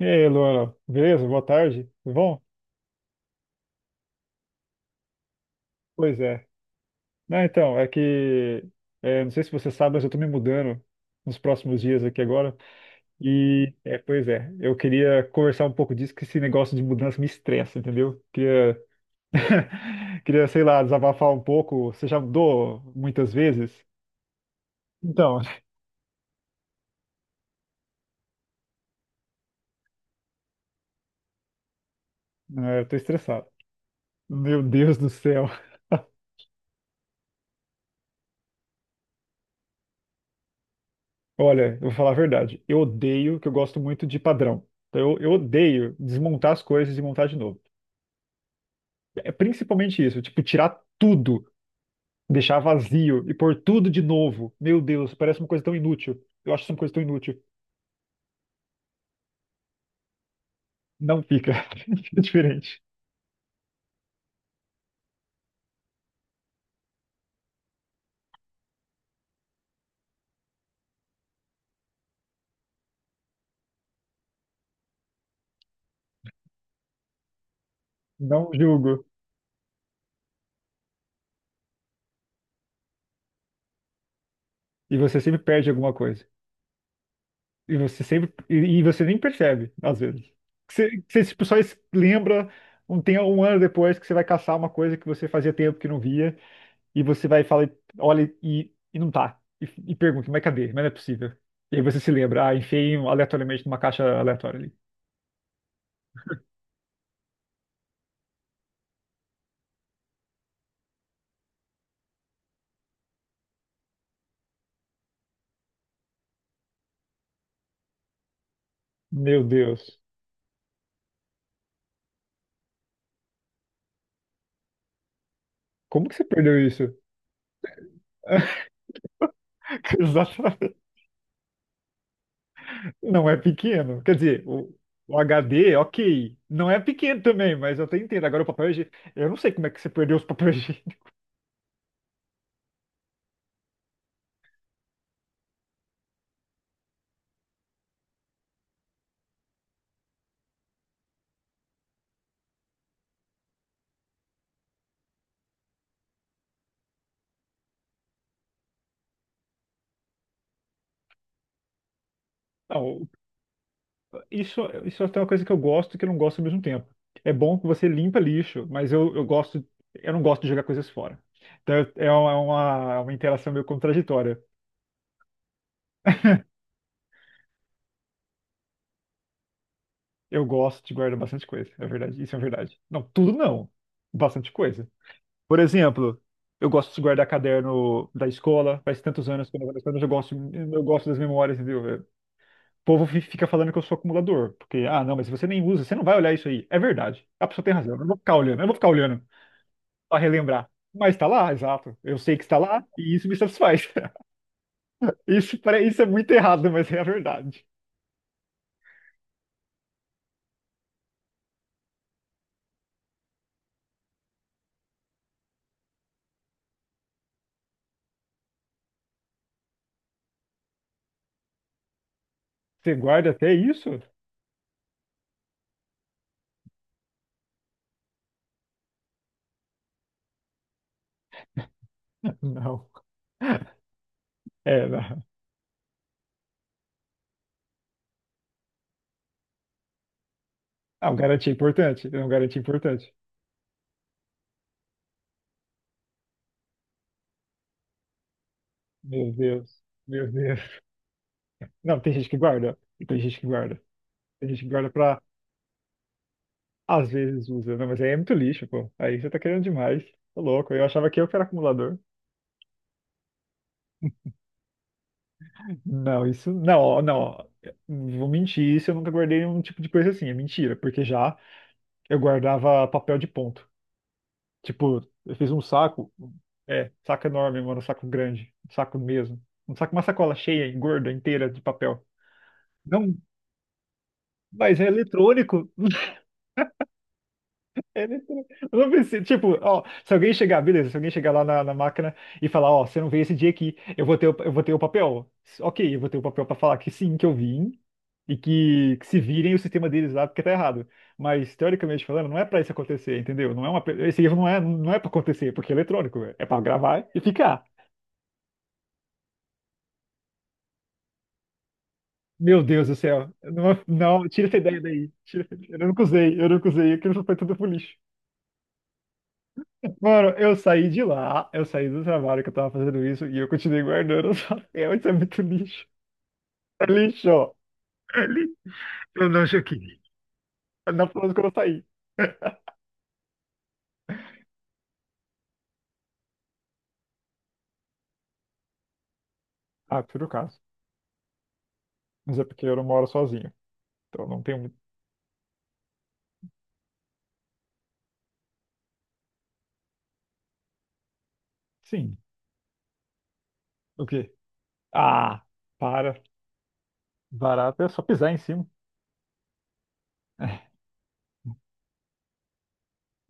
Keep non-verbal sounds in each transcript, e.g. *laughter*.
E aí, Luana, beleza? Boa tarde. Tudo bom? Pois é. Não, então, é que não sei se você sabe, mas eu tô me mudando nos próximos dias aqui agora. E pois é, eu queria conversar um pouco disso, que esse negócio de mudança me estressa, entendeu? Queria, *laughs* queria, sei lá, desabafar um pouco. Você já mudou muitas vezes? Então, eu tô estressado. Meu Deus do céu. Olha, eu vou falar a verdade. Eu odeio, que eu gosto muito de padrão. Então, eu odeio desmontar as coisas e montar de novo. É principalmente isso, tipo, tirar tudo, deixar vazio e pôr tudo de novo. Meu Deus, parece uma coisa tão inútil. Eu acho isso uma coisa tão inútil. Não fica. *laughs* Fica diferente. Não julgo. E você sempre perde alguma coisa. E você sempre. E você nem percebe, às vezes. Você tipo, só lembra tem um ano depois que você vai caçar uma coisa que você fazia tempo que não via. E você vai falar, olha, e não tá. E pergunta, mas cadê? Mas não é possível. E aí você se lembra, ah, enfiei um aleatoriamente numa caixa aleatória ali. Meu Deus. Como que você perdeu isso? *laughs* Exatamente. Não é pequeno. Quer dizer, o HD, ok. Não é pequeno também, mas eu até entendo. Agora o papel higiênico. Eu não sei como é que você perdeu os papéis higiênicos. *laughs* Não, isso é até uma coisa que eu gosto e que eu não gosto ao mesmo tempo. É bom que você limpa lixo, mas eu gosto. Eu não gosto de jogar coisas fora. Então é uma interação meio contraditória. Eu gosto de guardar bastante coisa. É verdade. Isso é verdade. Não, tudo não. Bastante coisa. Por exemplo, eu gosto de guardar caderno da escola, faz tantos anos que eu não vou na escola, mas eu gosto das memórias, entendeu? O povo fica falando que eu sou acumulador, porque, ah, não, mas você nem usa, você não vai olhar isso aí. É verdade, a pessoa tem razão, eu não vou ficar olhando, eu não vou ficar olhando pra relembrar. Mas tá lá, exato, eu sei que está lá e isso me satisfaz. *laughs* Isso, isso é muito errado, mas é a verdade. Você guarda até isso? *laughs* Não. É, não. Ah, um garantia importante, é um garantia importante. Meu Deus, meu Deus. Não, tem gente que guarda. Tem gente que guarda. Tem gente que guarda pra, às vezes, usa. Não, mas aí é muito lixo, pô. Aí você tá querendo demais. Tô louco. Eu achava que eu que era acumulador. Não, isso. Não, ó, não. Ó. Vou mentir, isso eu nunca guardei um tipo de coisa assim. É mentira, porque já eu guardava papel de ponto. Tipo, eu fiz um saco. É, saco enorme, mano. Um saco grande. Um saco mesmo. Um saco, uma sacola cheia, gorda, inteira de papel. Não, mas é eletrônico. Ele entrou. Eu não pensei, tipo, ó, se alguém chegar, beleza, se alguém chegar lá na máquina e falar, ó, você não veio esse dia aqui, eu vou ter o papel. Ok, eu vou ter o papel pra falar que sim, que eu vim e que se virem o sistema deles lá porque tá errado. Mas, teoricamente falando, não é pra isso acontecer, entendeu? Não é uma, esse erro não é pra acontecer, porque é eletrônico, velho. É pra gravar e ficar. Meu Deus do céu, não, não, tira essa ideia daí. Tira, eu nunca usei, aquilo foi tudo pro lixo. Mano, eu saí de lá, eu saí do trabalho que eu tava fazendo isso e eu continuei guardando *laughs* os papel. Isso é muito lixo. É lixo, ó. É lixo. Eu não joguei. Não foi que eu saí. *laughs* Ah, por acaso. Mas é porque eu não moro sozinho. Então não tenho muito. Sim. O quê? Ah, para. Barato é só pisar em cima. *laughs*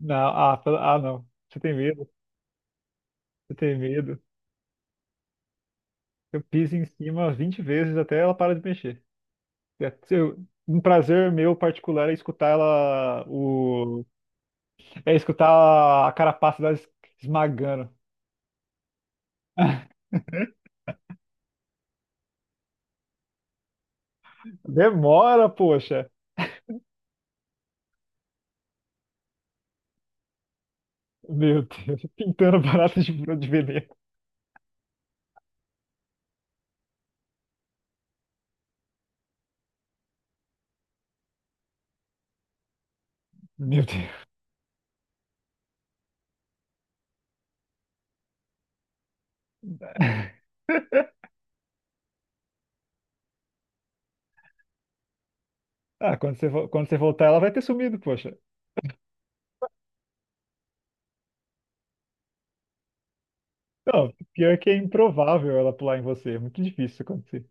Não, ah, ah, não. Você tem medo? Você tem medo? Eu piso em cima 20 vezes até ela para de mexer. Um prazer meu particular é escutar ela, o, é escutar a carapaça delas esmagando. *laughs* Demora, poxa. Meu Deus, *laughs* pintando barata de veneno. Meu Deus. *laughs* Ah, quando quando você voltar, ela vai ter sumido, poxa. Não, pior que é improvável ela pular em você. É muito difícil isso acontecer.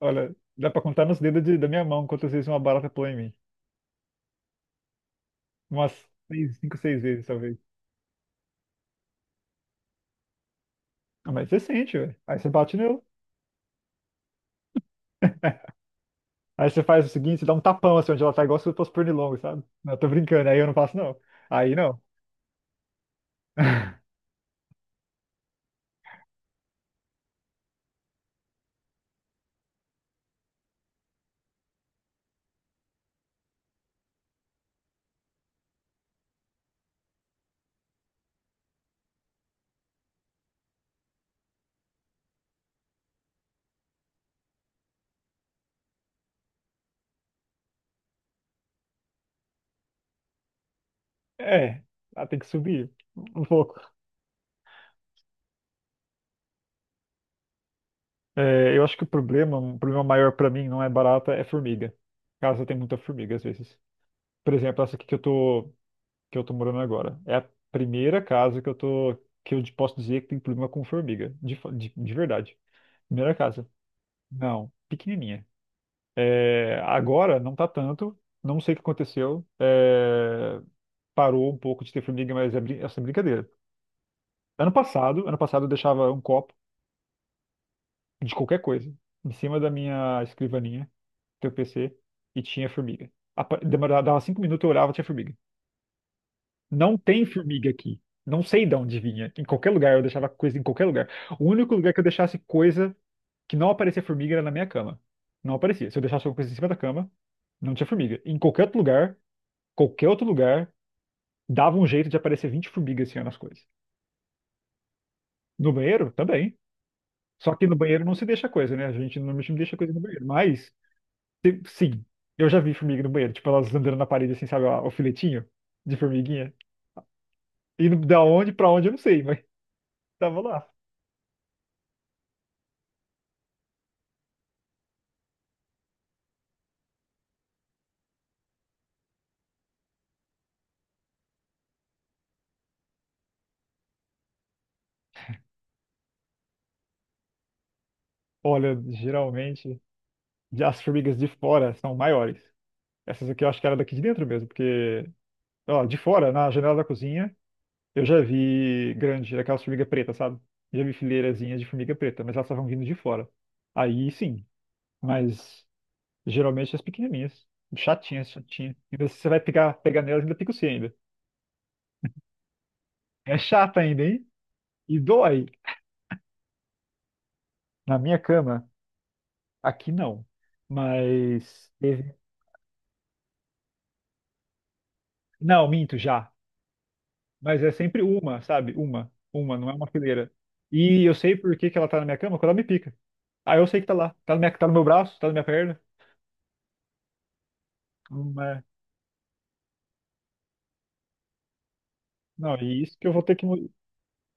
Olha, dá pra contar nos dedos da minha mão quantas vezes uma barata pulou em mim. Umas seis, cinco, seis vezes, talvez. Ah, mas você sente, velho. Aí você bate nela. Aí você faz o seguinte, você dá um tapão assim onde ela tá, igual se fosse pernilongo, sabe? Não, eu tô brincando, aí eu não faço, não. Aí não. É, ela tem que subir um pouco. Eu acho que o problema, um problema maior pra mim não é barata, é formiga. Casa tem muita formiga às vezes. Por exemplo, essa aqui que eu tô morando agora. É a primeira casa que eu posso dizer que tem problema com formiga, de verdade. Primeira casa. Não, pequenininha. Agora não tá tanto, não sei o que aconteceu. Parou um pouco de ter formiga, mas é essa é brincadeira. Ano passado, eu deixava um copo de qualquer coisa, em cima da minha escrivaninha, teu PC, e tinha formiga. Demorava, dava 5 minutos, eu olhava, tinha formiga. Não tem formiga aqui. Não sei de onde vinha. Em qualquer lugar, eu deixava coisa em qualquer lugar. O único lugar que eu deixasse coisa que não aparecia formiga era na minha cama. Não aparecia. Se eu deixasse alguma coisa em cima da cama, não tinha formiga. Em qualquer outro lugar, dava um jeito de aparecer 20 formigas assim ó, nas coisas. No banheiro, também. Só que no banheiro não se deixa coisa, né? A gente normalmente não deixa coisa no banheiro. Mas sim, sim, eu já vi formiga no banheiro, tipo, elas andando na parede assim, sabe, ó, o filetinho de formiguinha. E da onde pra onde eu não sei, mas *laughs* tava lá. Olha, geralmente as formigas de fora são maiores. Essas aqui eu acho que era daqui de dentro mesmo, porque, ó, de fora, na janela da cozinha, eu já vi grande, aquelas formigas pretas, sabe? Já vi fileirazinhas de formiga preta, mas elas estavam vindo de fora. Aí sim, mas geralmente as pequenininhas, chatinhas, chatinhas. Ainda se você vai pegar, pegar nelas, ainda pica o C ainda. É chata ainda, hein? E dói na minha cama. Aqui não. Mas. Não, minto já. Mas é sempre uma, sabe? Uma. Uma, não é uma fileira. E eu sei por que que ela tá na minha cama quando ela me pica. Aí eu sei que tá lá. Tá, na minha, tá no meu braço, tá na minha perna. Não, não, e isso que eu vou ter que.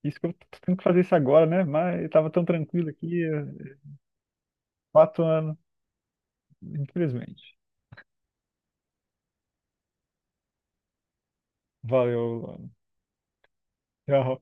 Isso que eu tô tendo que fazer isso agora, né? Mas eu tava tão tranquilo aqui. 4 anos, infelizmente. Valeu, Luana. Tchau.